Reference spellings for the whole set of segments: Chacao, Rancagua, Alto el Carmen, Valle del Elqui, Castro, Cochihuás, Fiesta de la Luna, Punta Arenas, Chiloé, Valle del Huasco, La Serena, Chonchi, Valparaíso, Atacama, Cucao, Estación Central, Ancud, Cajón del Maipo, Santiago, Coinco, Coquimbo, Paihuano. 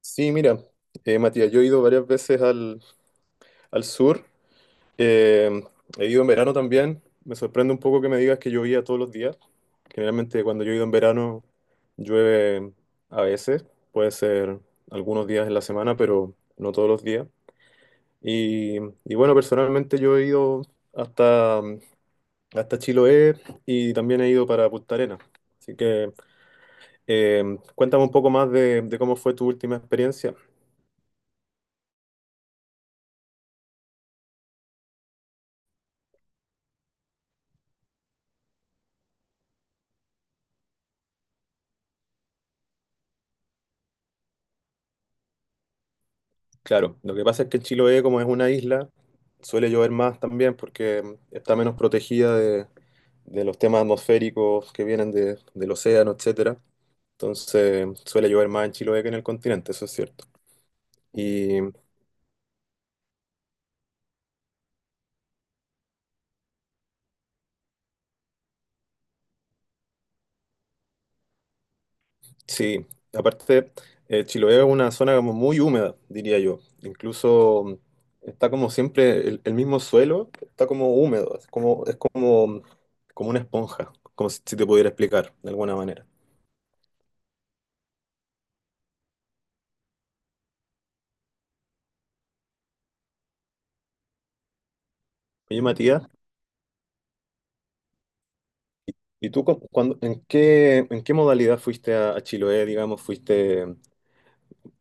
Sí, mira, Matías, yo he ido varias veces al sur, eh, he ido en verano también. Me sorprende un poco que me digas que llovía todos los días, generalmente cuando yo he ido en verano llueve a veces, puede ser algunos días en la semana, pero no todos los días. Y, y bueno, personalmente yo he ido hasta, mm, hasta Chiloé y también he ido para Punta Arenas, así que cuéntame un poco más de cómo fue tu última experiencia. Claro, lo que pasa es que Chiloé, como es una isla, suele llover más también porque está menos protegida de los temas atmosféricos que vienen del océano, etcétera. Entonces, suele llover más en Chiloé que en el continente, eso es cierto. Y sí, aparte, Chiloé es una zona como muy húmeda, diría yo. Incluso está como siempre el mismo suelo, está como húmedo, como una esponja, como si te pudiera explicar de alguna manera. Oye, Matías. ¿Y tú en qué modalidad fuiste a Chiloé, digamos? ¿Fuiste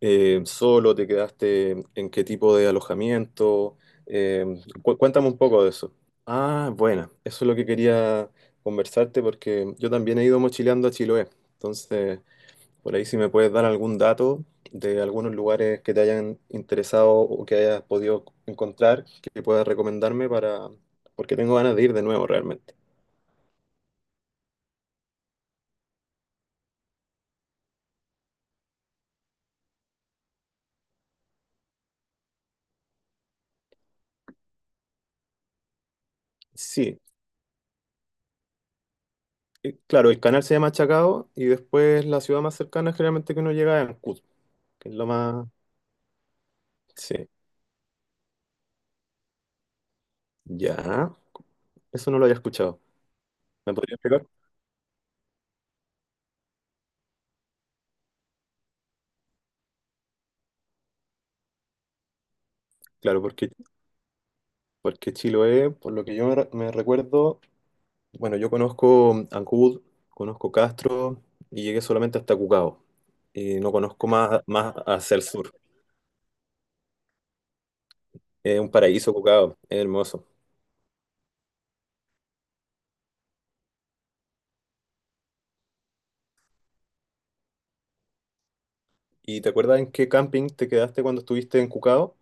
solo? ¿Te quedaste en qué tipo de alojamiento? Eh, cuéntame un poco de eso. Ah, bueno, eso es lo que quería conversarte porque yo también he ido mochileando a Chiloé. Entonces, por ahí si me puedes dar algún dato de algunos lugares que te hayan interesado o que hayas podido encontrar, que puedas recomendarme para... porque tengo ganas de ir de nuevo realmente. Sí, claro, el canal se llama Chacao y después la ciudad más cercana generalmente que uno llega es Ancud, que es la más... Sí, ya. Eso no lo había escuchado. ¿Me podría explicar? Claro, porque Chiloé, por lo que yo me recuerdo, bueno, yo conozco Ancud, conozco Castro y llegué solamente hasta Cucao. Y no conozco más, más hacia el sur. Es un paraíso Cucao, es hermoso. ¿Y te acuerdas en qué camping te quedaste cuando estuviste en Cucao?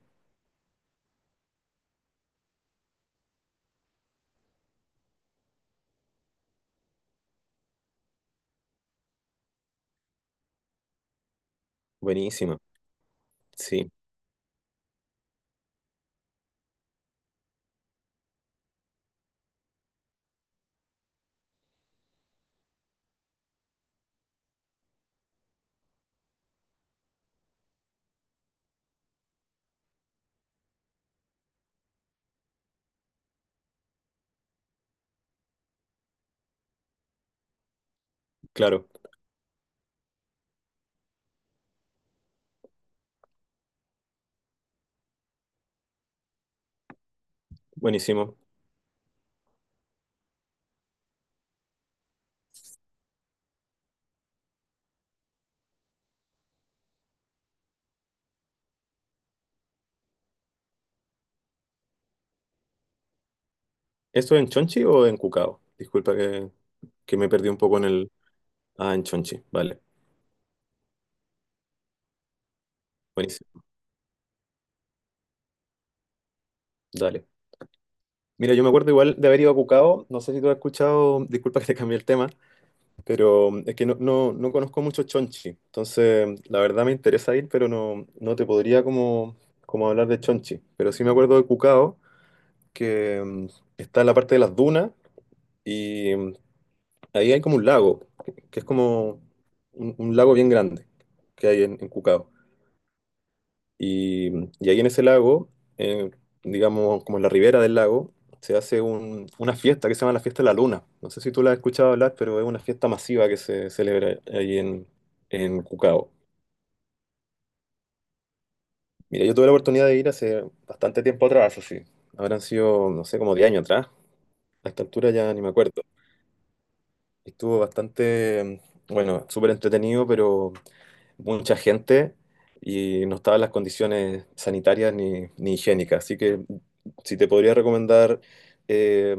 Buenísimo, sí, claro, buenísimo. ¿Eso en Chonchi o en Cucao? Que me perdí un poco en el... Ah, en Chonchi, vale. Buenísimo, dale. Mira, yo me acuerdo igual de haber ido a Cucao, no sé si tú has escuchado, disculpa que te cambié el tema, pero es que no conozco mucho Chonchi, entonces la verdad me interesa ir, pero no te podría como hablar de Chonchi, pero sí me acuerdo de Cucao, que está en la parte de las dunas y ahí hay como un lago, que es como un lago bien grande que hay en Cucao. Y, y ahí en ese lago, eh, digamos, como en la ribera del lago, se hace una fiesta que se llama la Fiesta de la Luna. No sé si tú la has escuchado hablar, pero es una fiesta masiva que se celebra en Cucao. Mira, yo tuve la oportunidad de ir hace bastante tiempo atrás, así. Habrán sido, no sé, como 10 años atrás. A esta altura ya ni me acuerdo. Estuvo bastante, bueno, súper entretenido, pero mucha gente y no estaban las condiciones sanitarias ni higiénicas. Así que si te podría recomendar eh,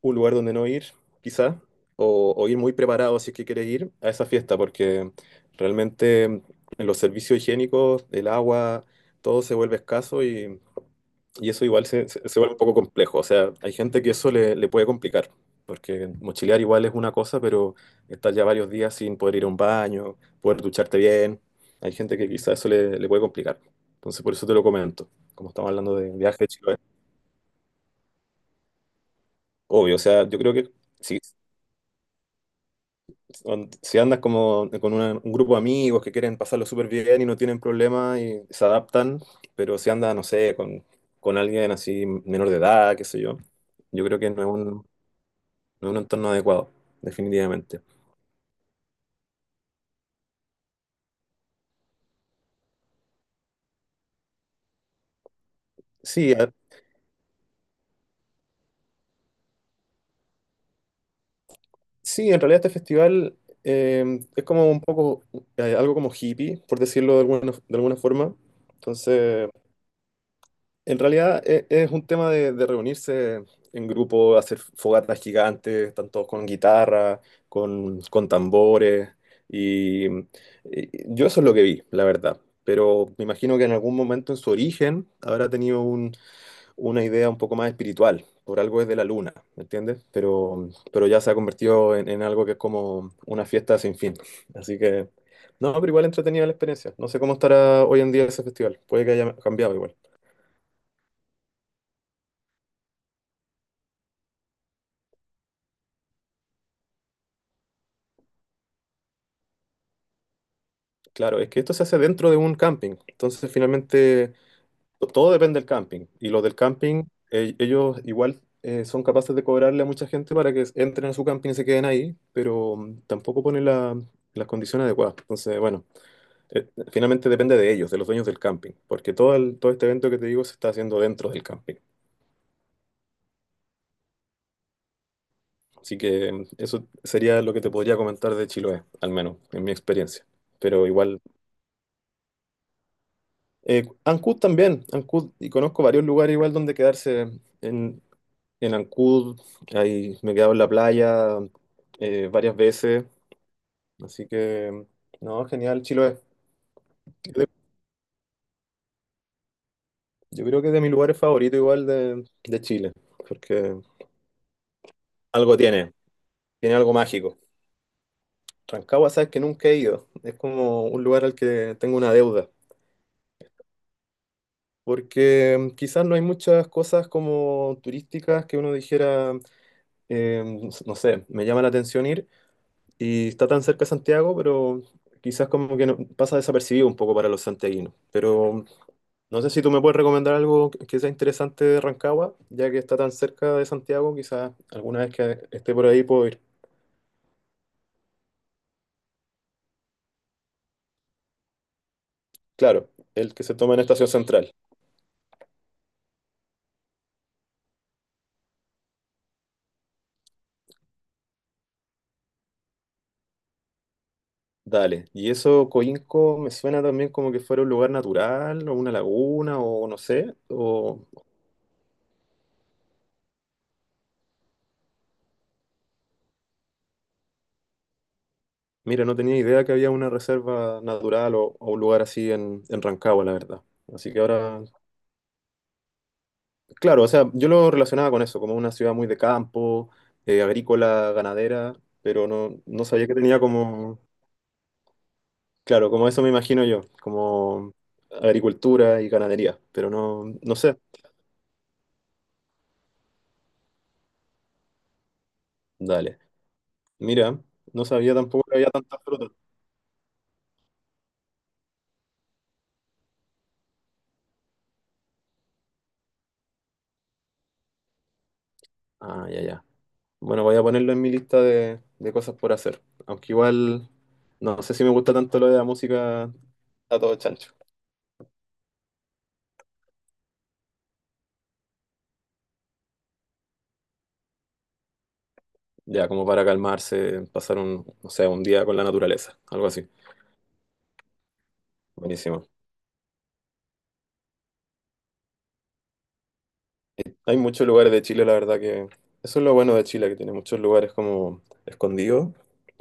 un lugar donde no ir, quizá, o ir muy preparado si es que quieres ir a esa fiesta, porque realmente en los servicios higiénicos, el agua, todo se vuelve escaso y eso igual se vuelve un poco complejo. O sea, hay gente que le puede complicar, porque mochilear igual es una cosa, pero estar ya varios días sin poder ir a un baño, poder ducharte bien, hay gente que quizás le puede complicar. Entonces, por eso te lo comento. Como estamos hablando de viaje de Chiloé, obvio, o sea, yo creo que si, si andas como con un grupo de amigos que quieren pasarlo súper bien y no tienen problema y se adaptan, pero si andas, no sé, con alguien así menor de edad, qué sé yo, yo creo que no es un entorno adecuado, definitivamente. Sí, a- sí, en realidad este festival es como un poco, algo como hippie, por decirlo de alguna forma. Entonces, en realidad es un tema de reunirse en grupo, hacer fogatas gigantes, tanto con guitarra, con tambores. Y yo eso es lo que vi, la verdad. Pero me imagino que en algún momento en su origen habrá tenido una idea un poco más espiritual, por algo es de la luna, ¿me entiendes? Pero ya se ha convertido en algo que es como una fiesta sin fin. Así que no, pero igual entretenida la experiencia. No sé cómo estará hoy en día ese festival, puede que haya cambiado igual. Claro, es que esto se hace dentro de un camping, entonces finalmente todo depende del camping. Y los del camping, ellos igual... son capaces de cobrarle a mucha gente para que entren a su camping y se queden ahí, pero tampoco ponen las condiciones adecuadas. Entonces, bueno, finalmente depende de ellos, de los dueños del camping, porque todo este evento que te digo se está haciendo dentro del camping. Así que eso sería lo que te podría comentar de Chiloé, al menos en mi experiencia. Pero igual, Ancud también, Ancud, y conozco varios lugares igual donde quedarse en Ancud, ahí me he quedado en la playa varias veces, así que no, genial Chiloé. Yo yo creo que es de mis lugares favoritos igual de Chile, porque algo tiene, tiene algo mágico. Rancagua, sabes que nunca he ido. Es como un lugar al que tengo una deuda. Porque quizás no hay muchas cosas como turísticas que uno dijera, eh, no sé, me llama la atención ir. Y está tan cerca de Santiago, pero quizás como que pasa desapercibido un poco para los santiaguinos. Pero no sé si tú me puedes recomendar algo que sea interesante de Rancagua, ya que está tan cerca de Santiago, quizás alguna vez que esté por ahí puedo ir. Claro, el que se toma en Estación Central. Dale, y eso Coinco me suena también como que fuera un lugar natural o una laguna o no sé, o mira, no tenía idea que había una reserva natural o un lugar así en Rancagua, la verdad. Así que ahora, claro, o sea, yo lo relacionaba con eso, como una ciudad muy de campo, agrícola, ganadera, pero no, no sabía que tenía como, claro, como eso me imagino yo, como agricultura y ganadería, pero no, no sé, dale, mira, no sabía tampoco que había tantas frutas. Ah, ya, ya. Bueno, voy a ponerlo en mi lista de cosas por hacer. Aunque igual no sé si me gusta tanto lo de la música a todo chancho. Ya, como para calmarse, pasar un, no sé, un día con la naturaleza, algo así. Buenísimo. Hay muchos lugares de Chile, la verdad que eso es lo bueno de Chile, que tiene muchos lugares como escondidos.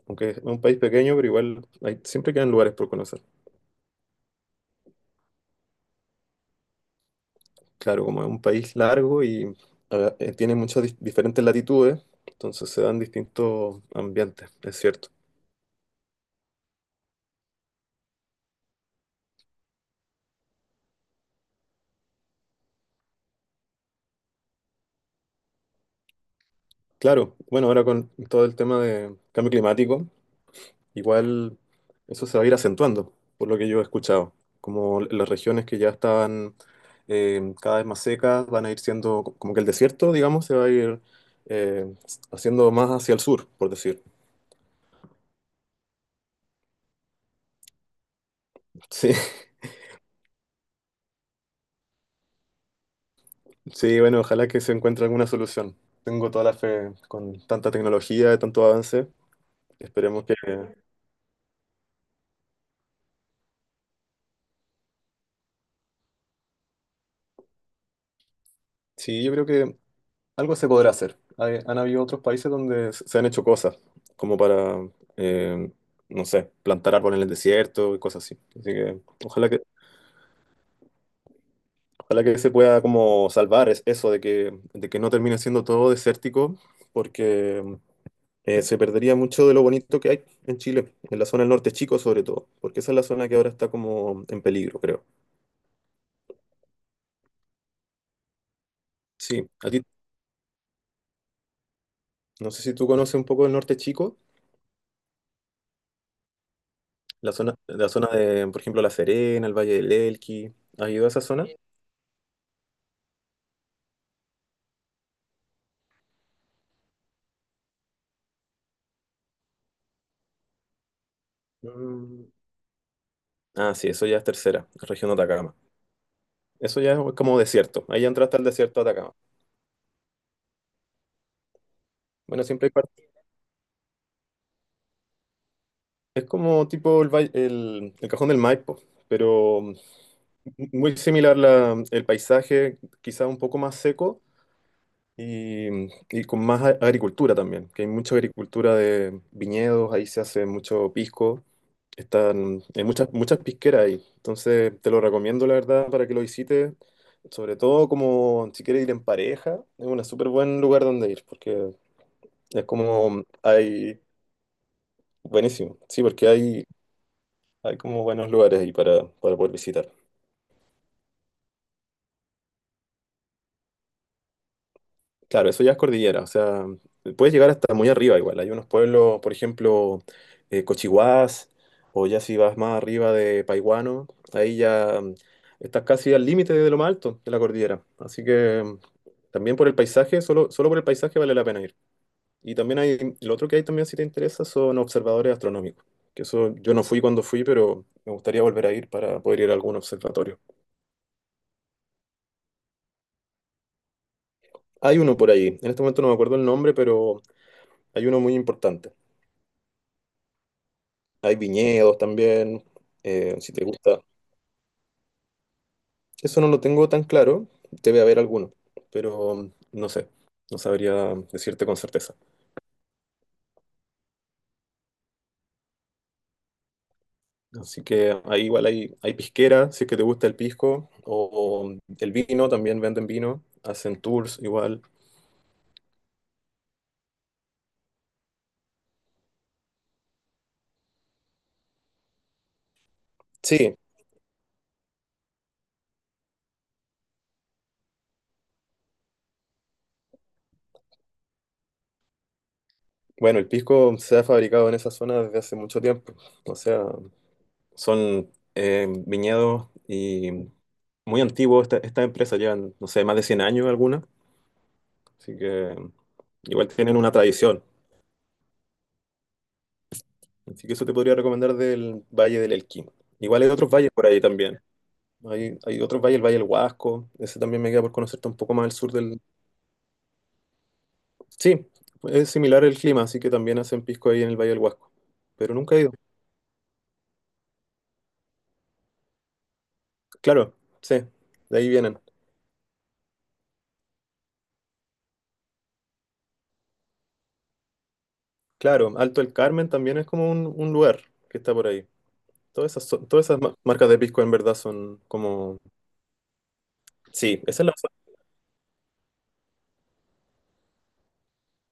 Aunque es un país pequeño, pero igual hay, siempre quedan lugares por conocer. Claro, como es un país largo y tiene muchas diferentes latitudes, entonces se dan distintos ambientes, es cierto. Claro, bueno, ahora con todo el tema de cambio climático, igual eso se va a ir acentuando, por lo que yo he escuchado. Como las regiones que ya estaban cada vez más secas van a ir como que el desierto, digamos, se va a ir haciendo más hacia el sur, por decir. Sí, sí, bueno, ojalá que se encuentre alguna solución. Tengo toda la fe con tanta tecnología, tanto avance. Esperemos que... Sí, yo creo que algo se podrá hacer. Han habido otros países donde se han hecho cosas, como para, eh, no sé, plantar árboles en el desierto y cosas así. Así que ojalá que, ojalá que se pueda como salvar eso de que no termine siendo todo desértico, porque se perdería mucho de lo bonito que hay en Chile, en la zona del norte chico sobre todo, porque esa es la zona que ahora está como en peligro, creo. Sí, a ti, no sé si tú conoces un poco el norte chico, la zona de, por ejemplo, La Serena, el Valle del Elqui. ¿Has ido a esa zona? Mm. Ah, sí, eso ya es tercera, región de Atacama. Eso ya es como desierto. Ahí ya entraste al desierto de Atacama. Bueno, siempre hay parte. Es como tipo el Cajón del Maipo, pero muy similar el paisaje, quizá un poco más seco. Y, y con más agricultura también, que hay mucha agricultura de viñedos, ahí se hace mucho pisco, están, hay muchas pisqueras ahí, entonces te lo recomiendo la verdad para que lo visites, sobre todo como si quieres ir en pareja, es un súper buen lugar donde ir, porque es como buenísimo, sí, porque hay como buenos lugares ahí para poder visitar. Claro, eso ya es cordillera, o sea, puedes llegar hasta muy arriba igual. Hay unos pueblos, por ejemplo, Cochihuás, o ya si vas más arriba de Paihuano, ahí ya estás casi al límite de lo más alto de la cordillera. Así que también por el paisaje, solo por el paisaje vale la pena ir. Y también hay, lo otro que hay también si te interesa son observadores astronómicos, que eso yo no fui cuando fui, pero me gustaría volver a ir para poder ir a algún observatorio. Hay uno por ahí, en este momento no me acuerdo el nombre, pero hay uno muy importante. Hay viñedos también, si te gusta. Eso no lo tengo tan claro, debe haber alguno, pero no sé, no sabría decirte con certeza. Así que ahí igual hay pisquera, si es que te gusta el pisco, o el vino, también venden vino, hacen tours igual. Sí, bueno, el pisco se ha fabricado en esa zona desde hace mucho tiempo, o sea, son viñedos y muy antiguos, estas empresas llevan, no sé, más de 100 años algunas. Así que igual tienen una tradición. Así que eso te podría recomendar del Valle del Elqui. Igual hay otros valles por ahí también. Hay otros valles, el Valle del Huasco. Ese también me queda por conocerte un poco más al sur del... Sí, es similar el clima, así que también hacen pisco ahí en el Valle del Huasco. Pero nunca he ido. Claro, sí, de ahí vienen. Claro, Alto el Carmen también es como un lugar que está por ahí. Todas esas marcas de pisco en verdad son como... Sí, esa es la...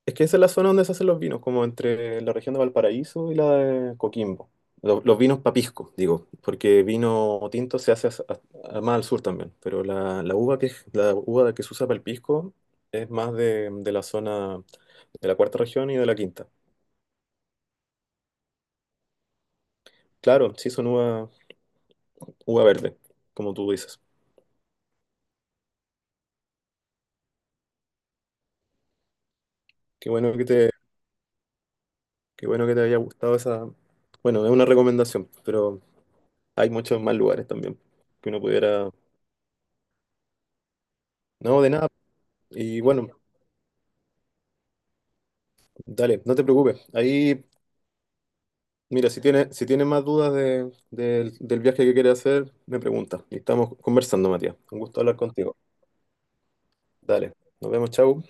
Es que esa es la zona donde se hacen los vinos, como entre la región de Valparaíso y la de Coquimbo. Vinos papisco, digo, porque vino tinto se hace más al sur también, pero la uva la uva que se usa para el pisco es más de la zona de la 4.ª región y de la 5.ª. Claro, uva verde, como tú dices. Qué bueno que te, qué bueno que te haya gustado esa. Bueno, es una recomendación, pero hay muchos más lugares también que uno pudiera. No, de nada. Y bueno, dale, no te preocupes. Ahí, mira, si tiene más dudas del del viaje que quieres hacer, me pregunta. Y estamos conversando, Matías. Un gusto hablar contigo. Dale, nos vemos, chau.